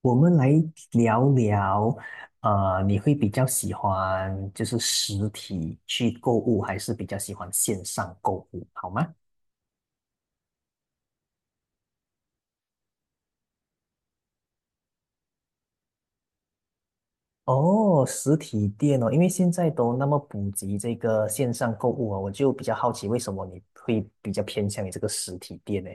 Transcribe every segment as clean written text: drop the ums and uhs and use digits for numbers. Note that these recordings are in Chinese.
我们来聊聊，你会比较喜欢就是实体去购物，还是比较喜欢线上购物，好吗？哦，实体店哦，因为现在都那么普及这个线上购物啊，我就比较好奇，为什么你会比较偏向于这个实体店呢？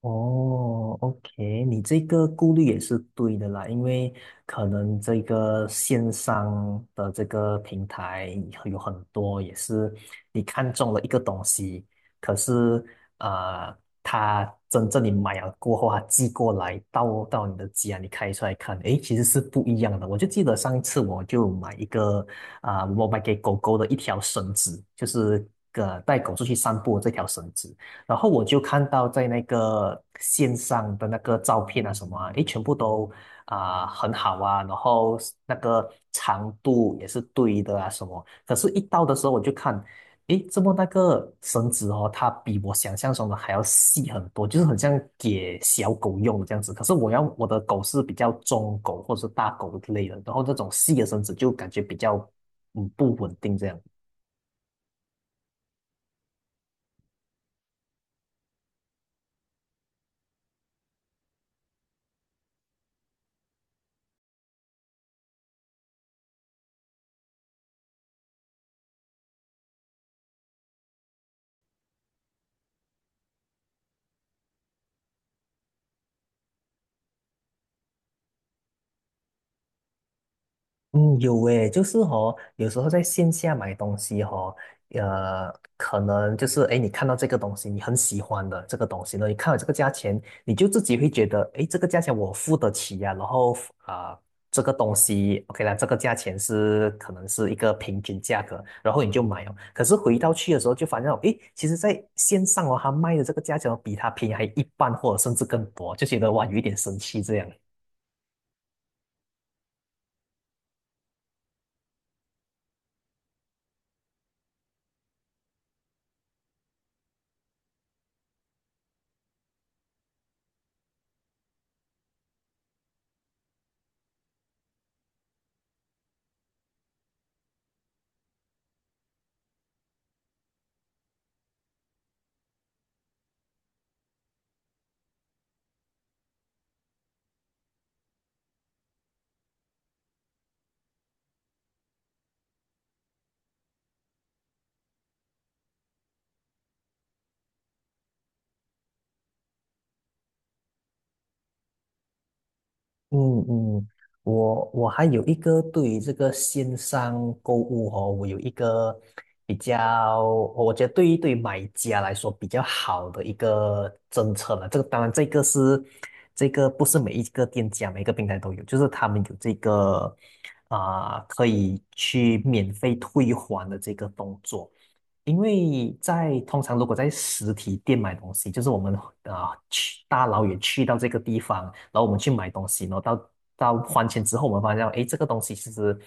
哦，OK,你这个顾虑也是对的啦，因为可能这个线上的这个平台有很多也是你看中了一个东西，可是呃，它真正你买了过后，它寄过来到你的家，你开出来看，诶，其实是不一样的。我就记得上一次我就买一个我买给狗狗的一条绳子，就是个带狗出去散步的这条绳子。然后我就看到在那个线上的那个照片啊什么啊，诶，全部都很好啊，然后那个长度也是对的啊什么。可是，一到的时候我就看，诶，怎么那个绳子哦，它比我想象中的还要细很多，就是很像给小狗用的这样子。可是我要我的狗是比较中狗或者是大狗之类的，然后这种细的绳子就感觉比较不稳定这样。嗯，有诶，就是哦，有时候在线下买东西哦，可能就是诶，你看到这个东西，你很喜欢的这个东西呢，你看到这个价钱，你就自己会觉得，诶，这个价钱我付得起呀、然后啊、这个东西 OK 啦，这个价钱是可能是一个平均价格，然后你就买哦。可是回到去的时候，就发现到，诶，其实在线上哦，他卖的这个价钱哦比他便宜还一半，或者甚至更多，就觉得哇，有一点生气这样。嗯嗯，我还有一个对于这个线上购物哦，我有一个比较，我觉得对于买家来说比较好的一个政策了。这个当然，这个不是每一个店家每一个平台都有，就是他们有这个可以去免费退还的这个动作。因为在通常如果在实体店买东西，就是我们去大老远去到这个地方，然后我们去买东西，然后到还钱之后，我们发现哎这个东西其实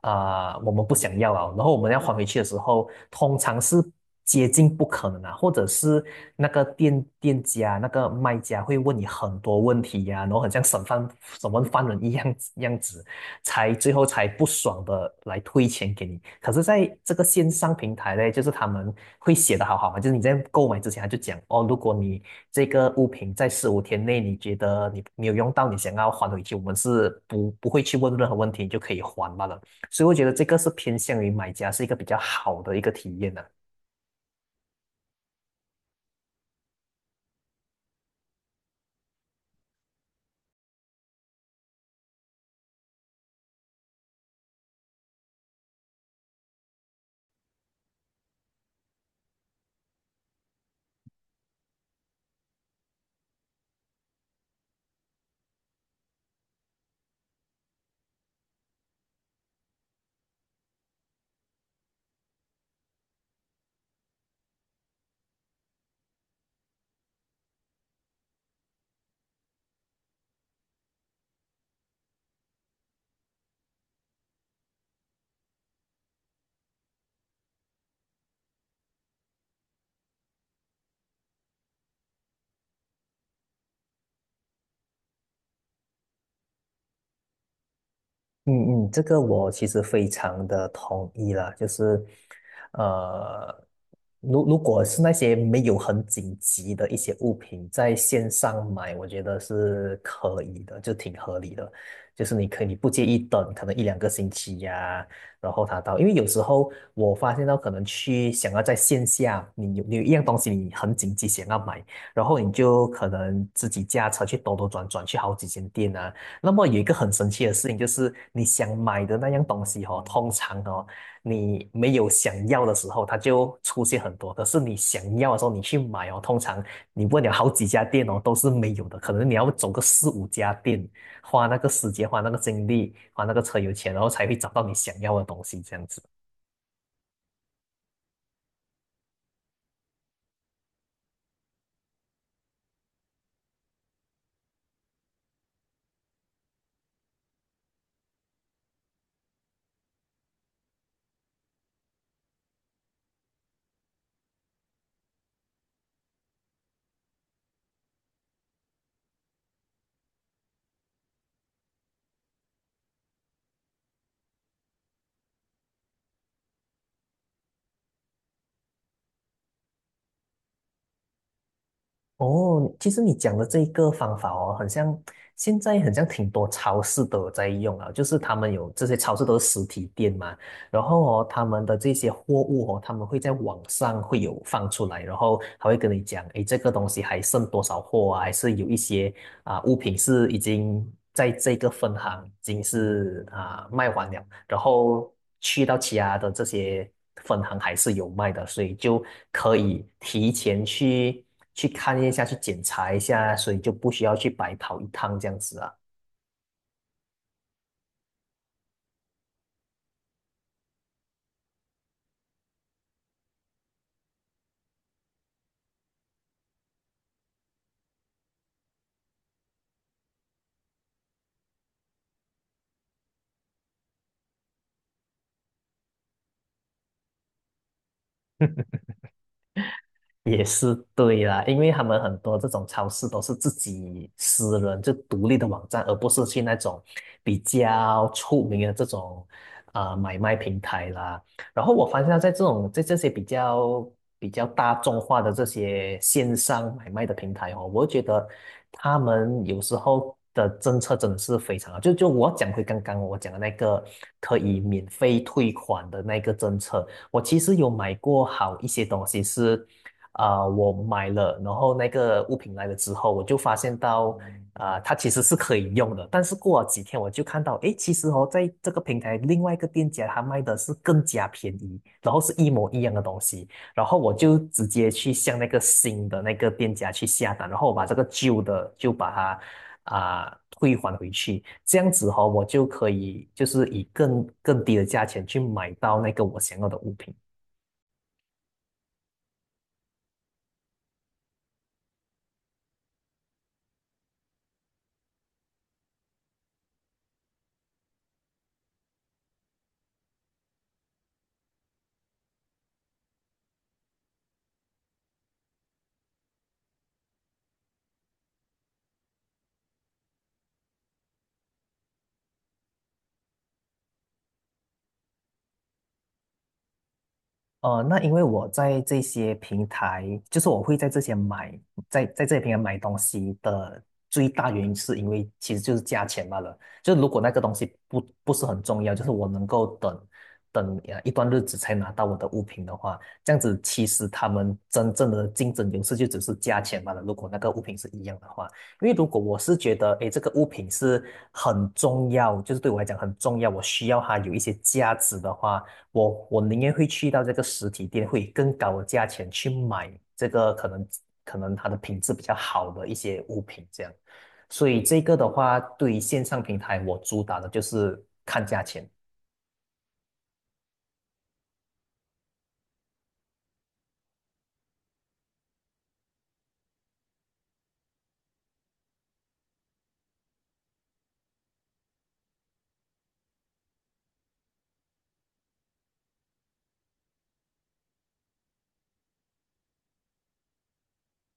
我们不想要啊，然后我们要还回去的时候，通常是接近不可能啊，或者是那个店家那个卖家会问你很多问题呀、然后很像审问犯人一样子，才最后才不爽的来退钱给你。可是在这个线上平台呢，就是他们会写的好好嘛，就是你在购买之前他就讲哦，如果你这个物品在十五天内你觉得你没有用到，你想要还回去，我们是不会去问任何问题，你就可以还罢了。所以我觉得这个是偏向于买家是一个比较好的一个体验呢、嗯嗯，这个我其实非常的同意啦，就是，呃，如果是那些没有很紧急的一些物品，在线上买，我觉得是可以的，就挺合理的。就是你可以你不介意等，可能一两个星期呀、然后它到，因为有时候我发现到可能去想要在线下，你有一样东西你很紧急想要买，然后你就可能自己驾车去兜兜转转去好几间店啊。那么有一个很神奇的事情，就是你想买的那样东西哦，通常哦，你没有想要的时候，它就出现很多；可是你想要的时候，你去买哦，通常你问了好几家店哦，都是没有的。可能你要走个四五家店，花那个时间，花那个精力，花那个车油钱，然后才会找到你想要的东西，这样子。哦，其实你讲的这一个方法哦，很像现在很像挺多超市都有在用啊，就是他们有这些超市都是实体店嘛，然后哦，他们的这些货物哦，他们会在网上会有放出来，然后他会跟你讲，诶，这个东西还剩多少货啊，还是有一些物品是已经在这个分行已经是卖完了，然后去到其他的这些分行还是有卖的，所以就可以提前去看一下，去检查一下，所以就不需要去白跑一趟这样子啊。也是对啦，因为他们很多这种超市都是自己私人就独立的网站，而不是去那种比较出名的这种买卖平台啦。然后我发现到在这些比较大众化的这些线上买卖的平台哦，我觉得他们有时候的政策真的是非常好。就我讲回刚刚我讲的那个可以免费退款的那个政策，我其实有买过好一些东西是。我买了，然后那个物品来了之后，我就发现到它其实是可以用的，但是过了几天我就看到，诶，其实哦，在这个平台另外一个店家他卖的是更加便宜，然后是一模一样的东西，然后我就直接去向那个新的那个店家去下单，然后我把这个旧的就把它退还回去，这样子哦，我就可以就是以更低的价钱去买到那个我想要的物品。那因为我在这些平台，就是我会在这些买，在这些平台买东西的最大原因，是因为其实就是价钱罢了。就如果那个东西不是很重要，就是我能够等一段日子才拿到我的物品的话，这样子其实他们真正的竞争优势就只是价钱罢了。如果那个物品是一样的话，因为如果我是觉得，诶，这个物品是很重要，就是对我来讲很重要，我需要它有一些价值的话。我宁愿会去到这个实体店，会以更高的价钱去买这个可能它的品质比较好的一些物品这样。所以这个的话，对于线上平台，我主打的就是看价钱。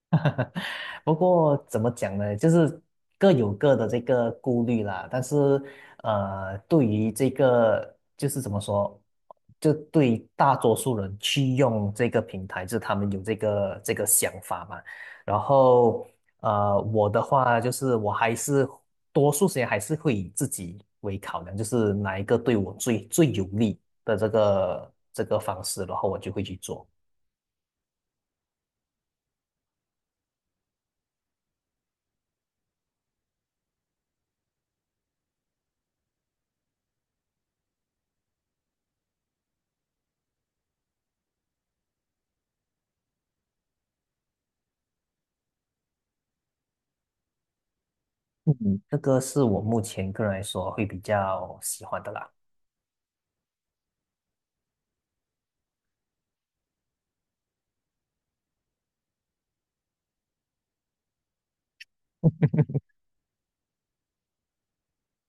不过怎么讲呢，就是各有各的这个顾虑啦。但是，对于这个就是怎么说，就对于大多数人去用这个平台，就是他们有这个想法嘛。然后，我的话就是我还是多数时间还是会以自己为考量，就是哪一个对我最有利的这个方式，然后我就会去做。嗯，这个是我目前个人来说会比较喜欢的啦。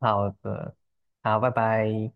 好的，好，拜拜。